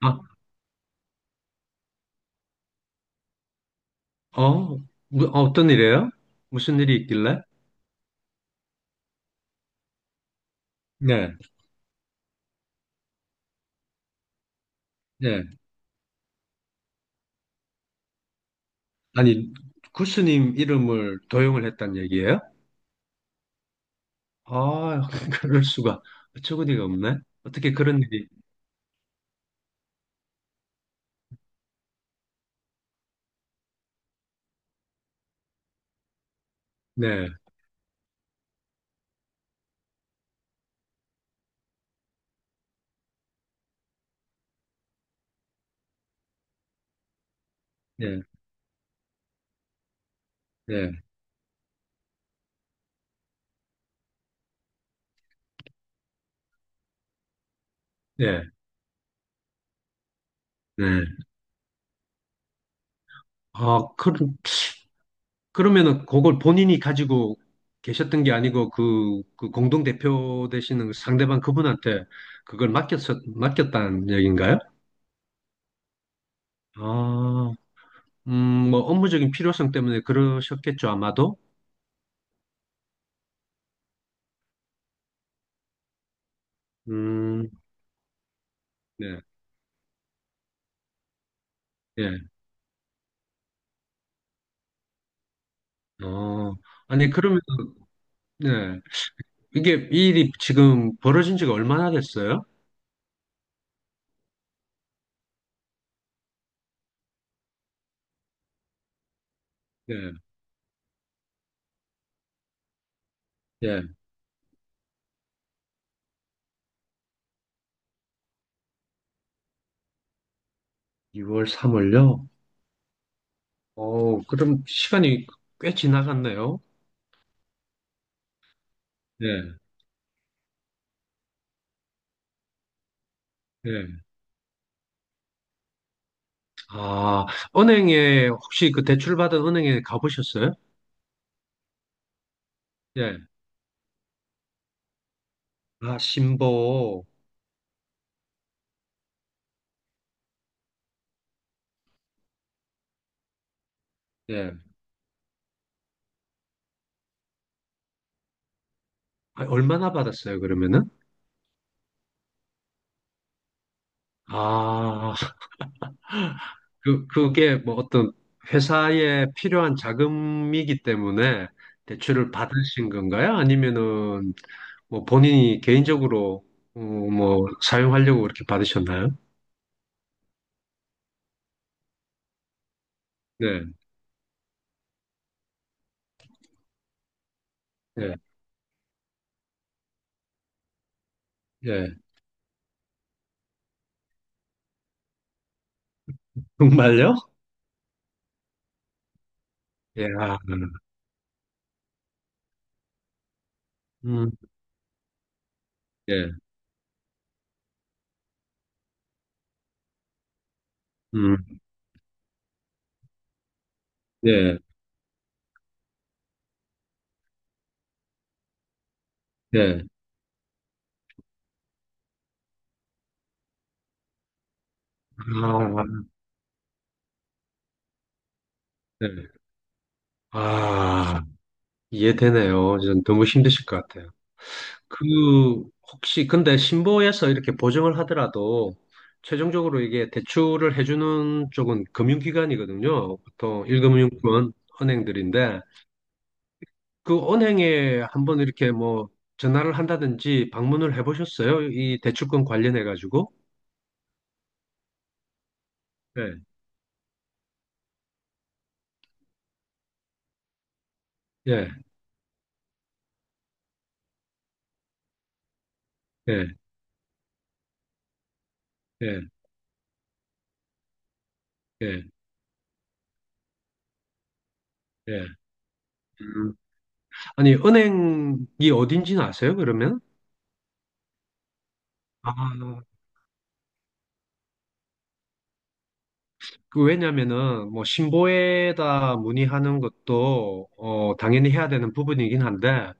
아, 어, 뭐, 어, 어떤 일이에요? 무슨 일이 있길래? 네, 네. 아니, 구스님 이름을 도용을 했단 얘기예요? 아, 그럴 수가. 어처구니가 없네. 어떻게 그런 일이, 네, 네, 네, 네, 네. 아, 그, 그러면은 그걸 본인이 가지고 계셨던 게 아니고 그, 그 공동대표 되시는 그 상대방 그분한테 그걸 맡겼다는 얘기인가요? 아, 음, 뭐 업무적인 필요성 때문에 그러셨겠죠, 아마도? 음, 네, 예. 어, 아니, 그러면, 네. 이게, 이 일이 지금 벌어진 지가 얼마나 됐어요? 예, 예. 2월, 3월요? 어, 그럼 시간이 꽤 지나갔네요. 예, 예. 아, 은행에, 혹시 그 대출받은 은행에 가보셨어요? 예. 아, 신보. 예. 아, 얼마나 받았어요, 그러면은? 아, 그, 그게 뭐 어떤 회사에 필요한 자금이기 때문에 대출을 받으신 건가요? 아니면은 뭐 본인이 개인적으로 어, 뭐 사용하려고 그렇게 받으셨나요? 네, 예, 예. 정말요? 예, 아, 음, 예, 음, 예, 예. 아, 네. 아, 이해되네요. 전 너무 힘드실 것 같아요. 그 혹시 근데 신보에서 이렇게 보증을 하더라도 최종적으로 이게 대출을 해주는 쪽은 금융기관이거든요. 보통 일금융권 은행들인데 그 은행에 한번 이렇게 뭐 전화를 한다든지 방문을 해보셨어요? 이 대출권 관련해 가지고? 예, 예, 예, 예, 예, 예. 음. 아니 은행이 어딘지는 아세요? 그러면? 아, 그 왜냐면은 뭐 신고에다 문의하는 것도 어 당연히 해야 되는 부분이긴 한데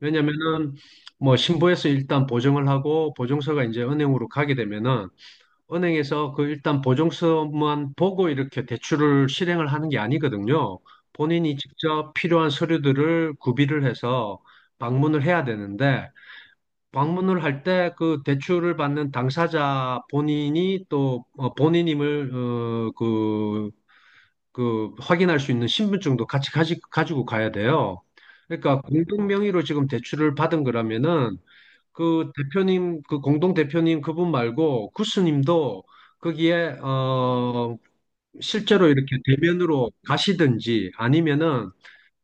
왜냐면은 뭐 신고에서 일단 보증을 하고 보증서가 이제 은행으로 가게 되면은 은행에서 그 일단 보증서만 보고 이렇게 대출을 실행을 하는 게 아니거든요. 본인이 직접 필요한 서류들을 구비를 해서 방문을 해야 되는데 방문을 할 때 그 대출을 받는 당사자 본인이 또 어, 본인임을 어, 그 그 확인할 수 있는 신분증도 같이 가지고 가야 돼요. 그러니까 공동 명의로 지금 대출을 받은 거라면은 그 대표님, 그 공동 대표님 그분 말고 구스님도 거기에 어 실제로 이렇게 대면으로 가시든지 아니면은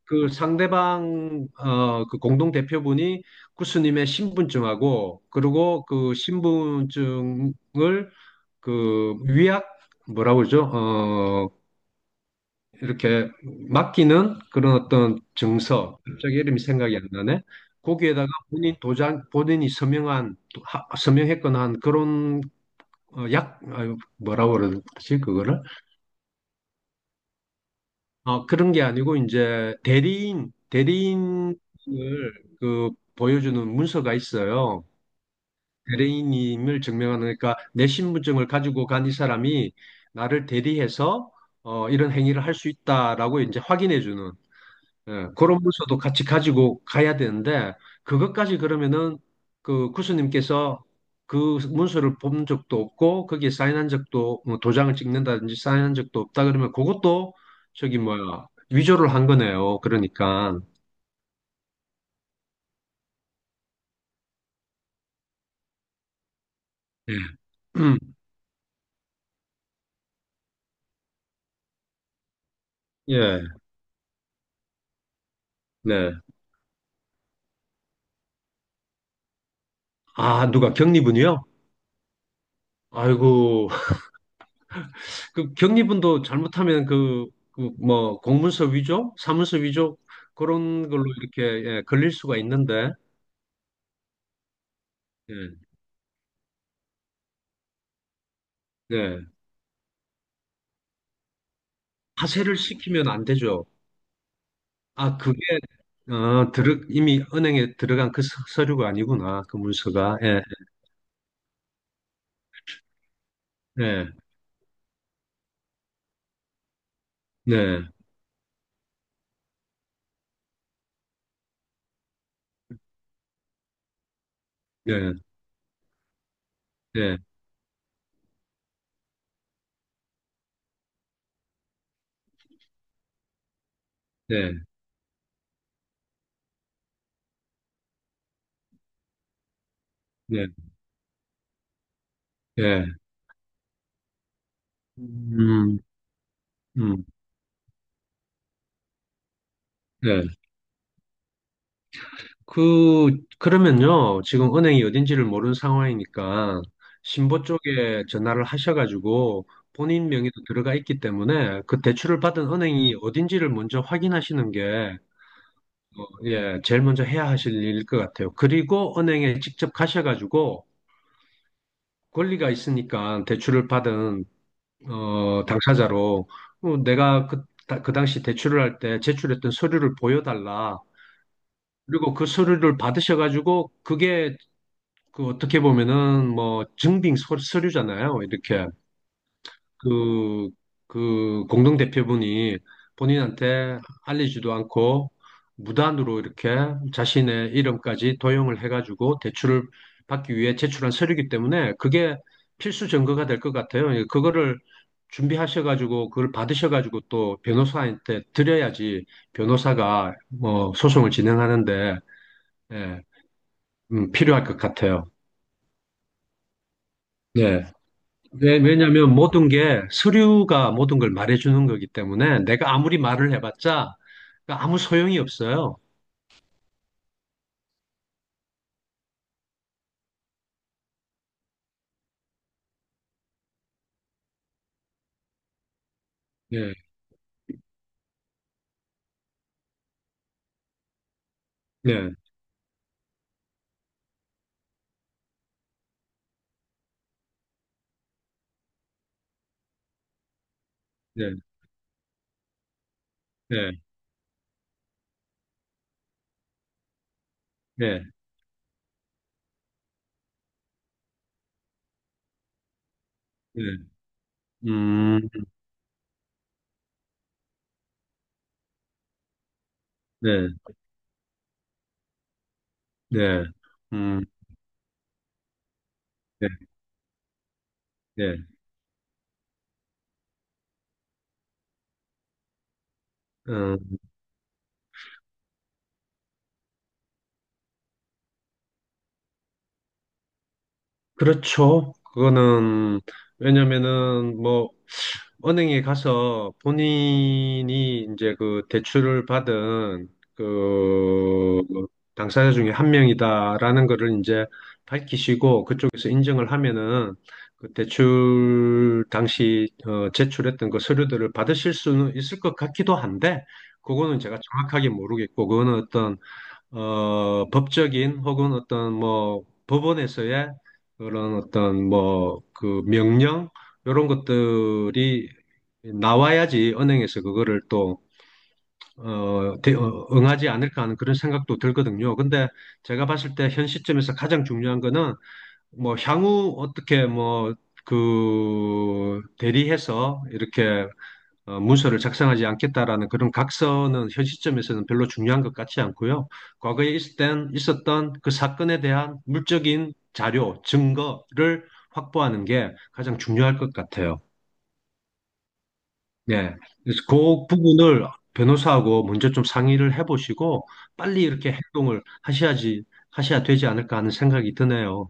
그 상대방 어 그 공동 대표분이 구스님의 신분증하고 그리고 그 신분증을 그 위약 뭐라고 그러죠? 어 이렇게 맡기는 그런 어떤 증서, 갑자기 이름이 생각이 안 나네. 거기에다가 본인 도장, 본인이 서명한, 서명했거나 한 그런 어, 약, 아유, 뭐라고 그러지, 그거를? 어, 그런 게 아니고, 이제 대리인, 대리인을 그 보여주는 문서가 있어요. 대리인임을 증명하는, 그러니까 내 신분증을 가지고 간 이 사람이 나를 대리해서 어, 이런 행위를 할 수 있다라고 이제 확인해 주는. 예, 그런 문서도 같이 가지고 가야 되는데 그것까지 그러면은 그 구스님께서 그 문서를 본 적도 없고 거기에 사인한 적도 뭐 도장을 찍는다든지 사인한 적도 없다 그러면 그것도 저기 뭐야 위조를 한 거네요. 그러니까 예, 예, 네. 아 누가 경리분이요? 아이고 그 경리분도 잘못하면 그, 그 뭐 공문서 위조, 사문서 위조 그런 걸로 이렇게 예, 걸릴 수가 있는데 예, 네. 하세를 시키면 안 되죠. 아, 그게 어, 들어, 이미 은행에 들어간 그 서류가 아니구나. 그 문서가. 예, 예, 네, 네, 네, 네, 네, 네. 음, 음, 네. 그, 그러면요. 지금 은행이 어딘지를 모르는 상황이니까 신보 쪽에 전화를 하셔가지고 본인 명의로 들어가 있기 때문에 그 대출을 받은 은행이 어딘지를 먼저 확인하시는 게 예, 제일 먼저 해야 하실 일일 것 같아요. 그리고 은행에 직접 가셔가지고 권리가 있으니까 대출을 받은 어, 당사자로 어, 내가 그, 그 당시 대출을 할 때 제출했던 서류를 보여달라. 그리고 그 서류를 받으셔가지고 그게 그 어떻게 보면은 뭐 증빙 서류잖아요. 이렇게. 그, 그 공동 대표분이 본인한테 알리지도 않고 무단으로 이렇게 자신의 이름까지 도용을 해가지고 대출을 받기 위해 제출한 서류이기 때문에 그게 필수 증거가 될 것 같아요. 예, 그거를 준비하셔가지고 그걸 받으셔가지고 또 변호사한테 드려야지 변호사가 뭐 소송을 진행하는데 예, 필요할 것 같아요. 네. 왜, 왜냐면 모든 게 서류가 모든 걸 말해주는 거기 때문에 내가 아무리 말을 해봤자 그러니까 아무 소용이 없어요. 네, 네, 네, 네, 네, 네, 음, 네, 네, 음, 네, 네, 음, 그렇죠. 그거는 왜냐면은 뭐 은행에 가서 본인이 이제 그 대출을 받은 그 당사자 중에 한 명이다라는 거를 이제 밝히시고 그쪽에서 인정을 하면은 그 대출 당시 어, 제출했던 그 서류들을 받으실 수는 있을 것 같기도 한데 그거는 제가 정확하게 모르겠고 그거는 어떤 어, 법적인 혹은 어떤 뭐 법원에서의 그런 어떤 뭐 그 명령 이런 것들이 나와야지 은행에서 그거를 또 어, 응하지 않을까 하는 그런 생각도 들거든요. 근데 제가 봤을 때 현 시점에서 가장 중요한 거는 뭐 향후 어떻게 뭐 그 대리해서 이렇게 어, 문서를 작성하지 않겠다라는 그런 각서는 현 시점에서는 별로 중요한 것 같지 않고요. 과거에 있을 땐 있었던 그 사건에 대한 물적인 자료, 증거를 확보하는 게 가장 중요할 것 같아요. 네. 그래서 그 부분을 변호사하고 먼저 좀 상의를 해보시고 빨리 이렇게 행동을 하셔야지, 하셔야 되지 않을까 하는 생각이 드네요.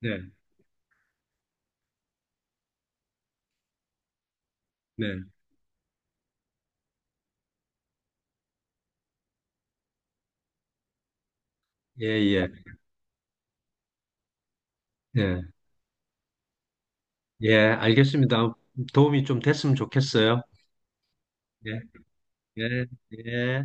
네, 네. 예, 예, 예. 예, 알겠습니다. 도움이 좀 됐으면 좋겠어요. 예, 예, 예.